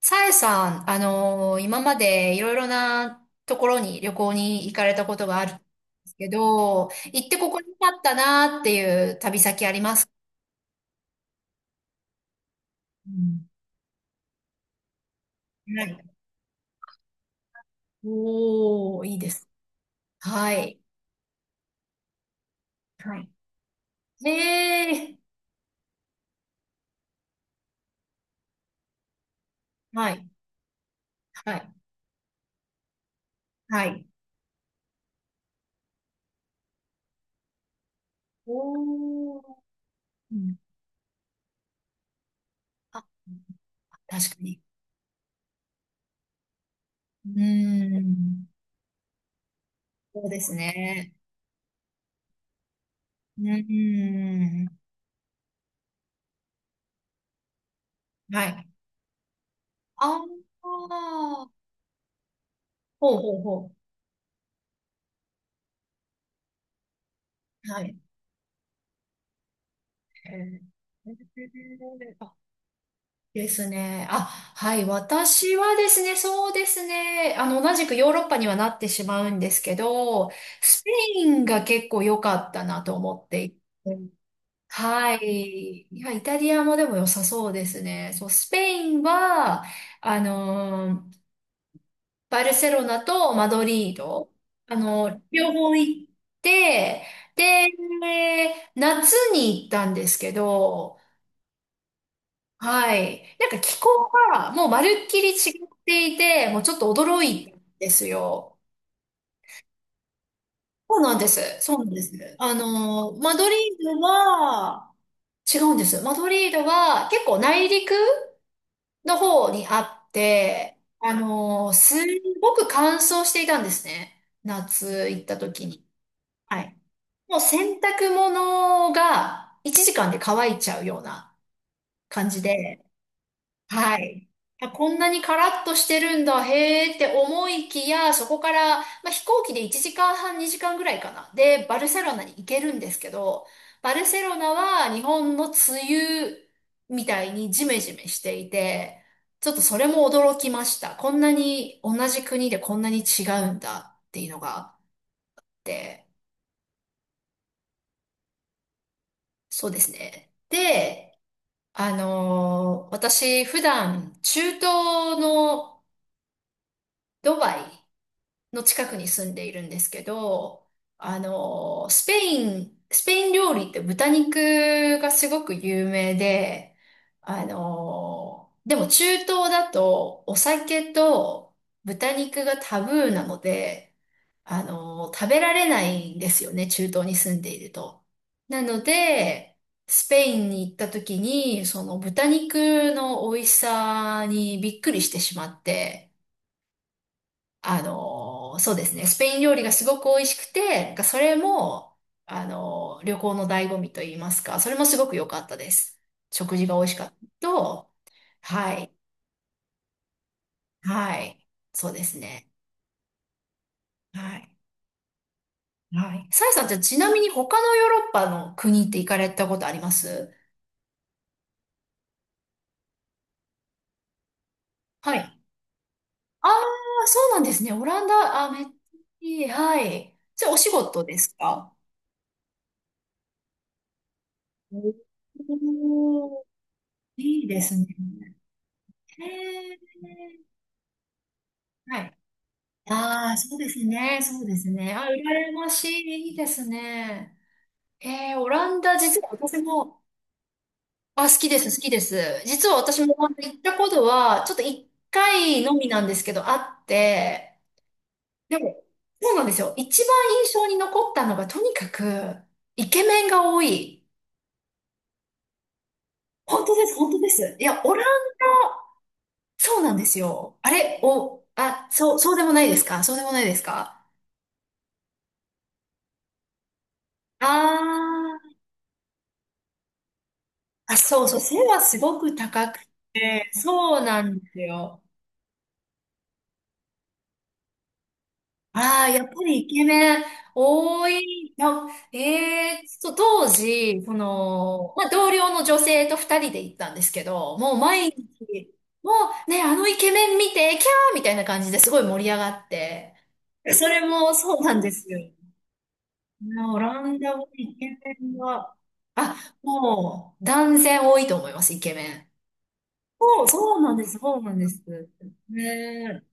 さえさん、今までいろいろなところに旅行に行かれたことがあるんですけど、行ってここにあったなっていう旅先ありますか？うん。はい。おー、いいです。はい。はい。ええ。はい。はい。はい。おー。うん。あ、確かに。うーん。そうですね。うーん。はい。ああ。ほうほうほう。はい。へえ。あ、ですね。あ、はい。私はですね、そうですね。同じくヨーロッパにはなってしまうんですけど、スペインが結構良かったなと思っていて。はい。いや、イタリアもでも良さそうですね。そう、スペインは、あのーバルセロナとマドリード、両方行って、で、夏に行ったんですけど、はい。なんか気候がもうまるっきり違っていて、もうちょっと驚いたんですよ。そうなんです。そうなんです。マドリードは、違うんです。マドリードは結構内陸の方にあって、すごく乾燥していたんですね。夏行った時に。はい。もう洗濯物が1時間で乾いちゃうような感じで。はい。あ、こんなにカラッとしてるんだ、へーって思いきや、そこから、まあ、飛行機で1時間半、2時間ぐらいかな。で、バルセロナに行けるんですけど、バルセロナは日本の梅雨みたいにジメジメしていて、ちょっとそれも驚きました。こんなに同じ国でこんなに違うんだっていうのがあって、そうですね。で、私普段中東のドバイの近くに住んでいるんですけど、スペイン、スペイン料理って豚肉がすごく有名で、でも中東だとお酒と豚肉がタブーなので、食べられないんですよね、中東に住んでいると。なので、スペインに行った時に、その豚肉の美味しさにびっくりしてしまって、そうですね、スペイン料理がすごく美味しくて、なんかそれも、旅行の醍醐味と言いますか、それもすごく良かったです。食事が美味しかったと、はい、はい、そうですね。はい、はい。さえさん、じゃあちなみに他のヨーロッパの国って行かれたことありますはい。ああ、そうなんですね。オランダ、あ、めっちゃいい。はい。じゃあお仕事ですか？おー。いいですね。へえ。はい。ああ、そうですね。そうですね。あ、羨ましい。いいですね。えー、オランダ、実は私も、あ、好きです、好きです。実は私もオランダ行ったことは、ちょっと一回のみなんですけど、あって、でも、そうなんですよ。一番印象に残ったのが、とにかく、イケメンが多い。本当です、本当です。いや、オラン、そうなんですよ。あれ、お、あ、そう、そうでもないですか？そうでもないですか？ああ、そうそう、背はすごく高くて、そうなんですよ。ああ、やっぱりイケメン多い。な。えー、そう、当時、その、まあ、同僚の女性と二人で行ったんですけど、もう毎日、もうね、あのイケメン見て、キャーみたいな感じですごい盛り上がって、それもそうなんですよ。オランダもイケメンが、あ、もう断然多いと思います、イケメン。そう、そうなんです、そうなんです。ねえ。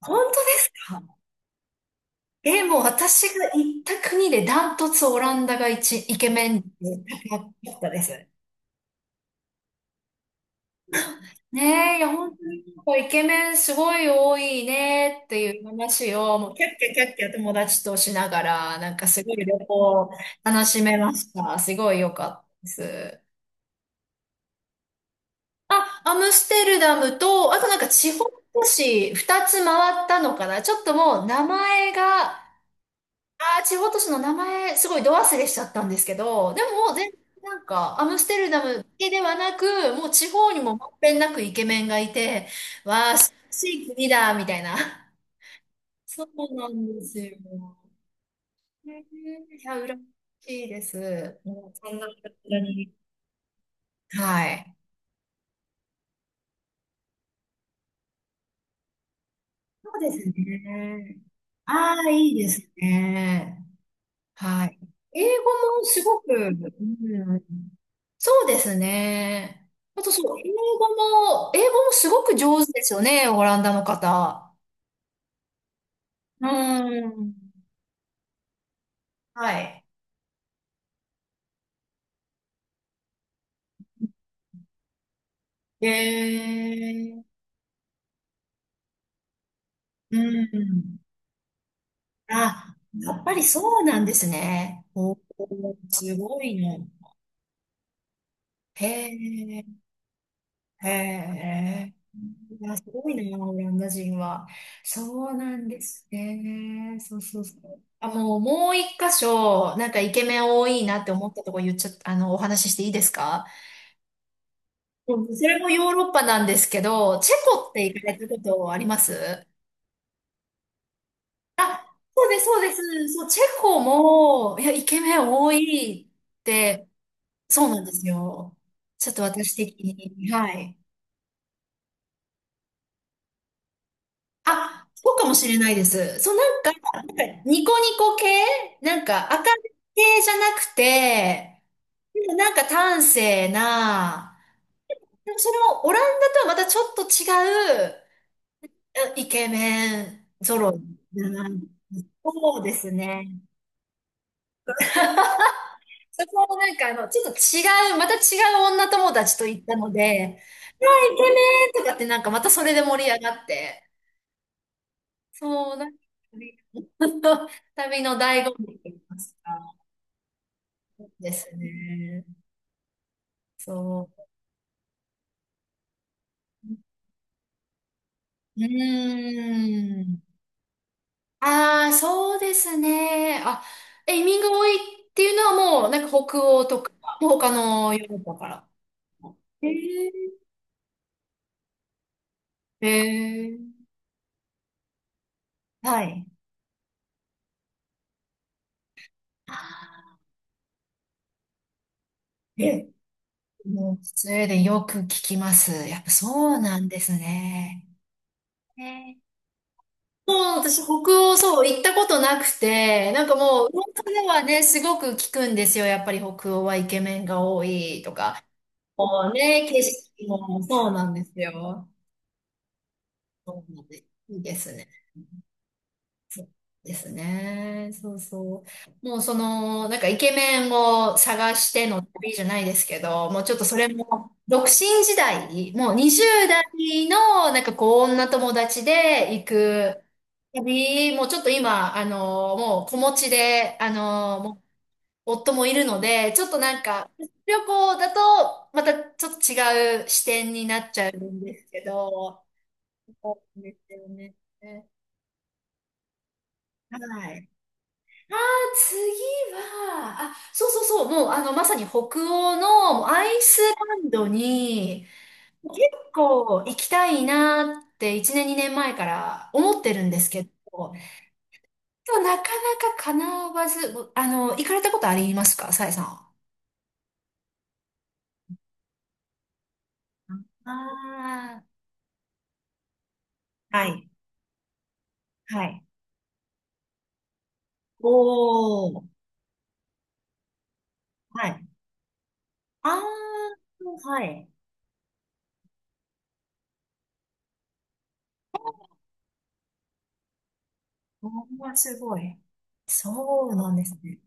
本当ですか？え、もう私が行った国でダントツオランダが一、イケメンで高かったです。ねえ、いや、本当になんかイケメンすごい多いねっていう話を、もうキャッキャキャッキャ友達としながら、なんかすごい旅行楽しめました。すごい良かったです。あ、アムステルダムと、あとなんか地方都市二つ回ったのかな。ちょっともう名前が、あー、地方都市の名前、すごいど忘れしちゃったんですけど、でももう全然なんか、アムステルダムだけではなく、もう地方にもまんべんなくイケメンがいて、わあ、素晴らしい国だ、みたいな。そうなんですよ。へえ。いや、羨ましいです。もうそんな感じに。はい。そうですね。ああ、いいですね。はい。英語もすごく、うん。そうですね。あとそう、英語も、英語もすごく上手ですよね、オランダの方。うん。はい。へえ。うん。あ、やっぱりそうなんですね。おー、すごいね。へえ。へえ。いや、すごいな、オランダ人は。そうなんですね。そうそうそう。あ、もう、もう一箇所、なんかイケメン多いなって思ったとこ言っちゃった、お話ししていいですか？もうそれもヨーロッパなんですけど、チェコって行かれたことありますあ、そうです、そうです。そう、チェコも、いや、イケメン多いって、そうなんですよ。ちょっと私的に。はい。あ、そうかもしれないです。そう、なんか、なんかニコニコ系なんか、明るい系じゃなくて、でもなんか端正な、でもそれもオランダとはまたちょっと違う、えイケメン揃いだな。そうですね。そこもなんかあの、ちょっと違う、また違う女友達と行ったので、あイケメンとかってなんかまたそれで盛り上がって、そう、なんか、旅の 旅の醍醐味って言いますか。ですね。そう。うーん。ああ、そうですね。あ、移民が多いっていうのはもう、なんか北欧とか、もう他のヨーロッパから。えー、えー、はい。え、もう、スウェーデンよく聞きます。やっぱそうなんですね。ね。もう私、北欧、そう、行ったことなくて、なんかもう、噂ではね、すごく聞くんですよ。やっぱり北欧はイケメンが多いとか、もうね、景色もそうなんですよ。そうなんです。いいですね。そうですね。そうそう。もうその、なんかイケメンを探しての旅じゃないですけど、もうちょっとそれも、独身時代、もう20代の、なんかこう、女友達で行く旅、もうちょっと今、もう子持ちで、夫もいるので、ちょっとなんか、旅行だと、またちょっと違う視点になっちゃうんですけど、そうですよね。はい。ああ、次は、あ、そうそうそう、もう、まさに北欧のアイスランドに、結構行きたいなって1年、2年前から思ってるんですけど、でもなかなか叶わず、行かれたことありますか、さえさんは。ああー、はい。はい。おお、はい。ああ、はい。おー、すごい。そうなんですね。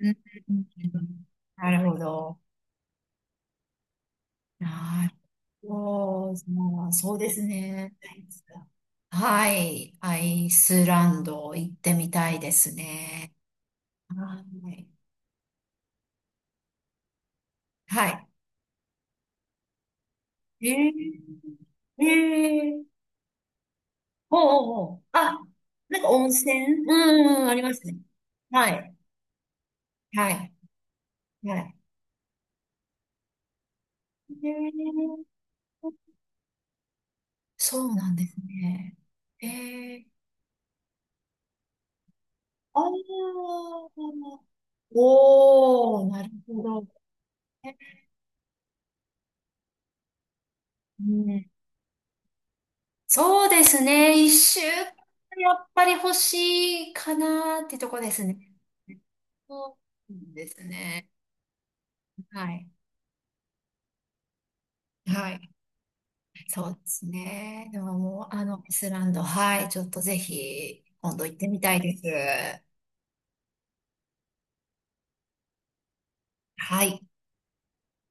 うん、うんうんうん。なるほど。なるほど。まあそうですね。はい。アイスランド行ってみたいですね。はい。はい。えー、えー、ほうほうほう。あ、なんか温泉。うん、うんありますね。はい。はい。はい。えー。そうなんですね。えー、ああ、おー、なるほど。うん、そうですね。一週間やっぱり欲しいかなってとこですね。そうですね。はい。はい。そうですね。でももう、アイスランド、はい。ちょっとぜひ、今度行ってみたいです。はい。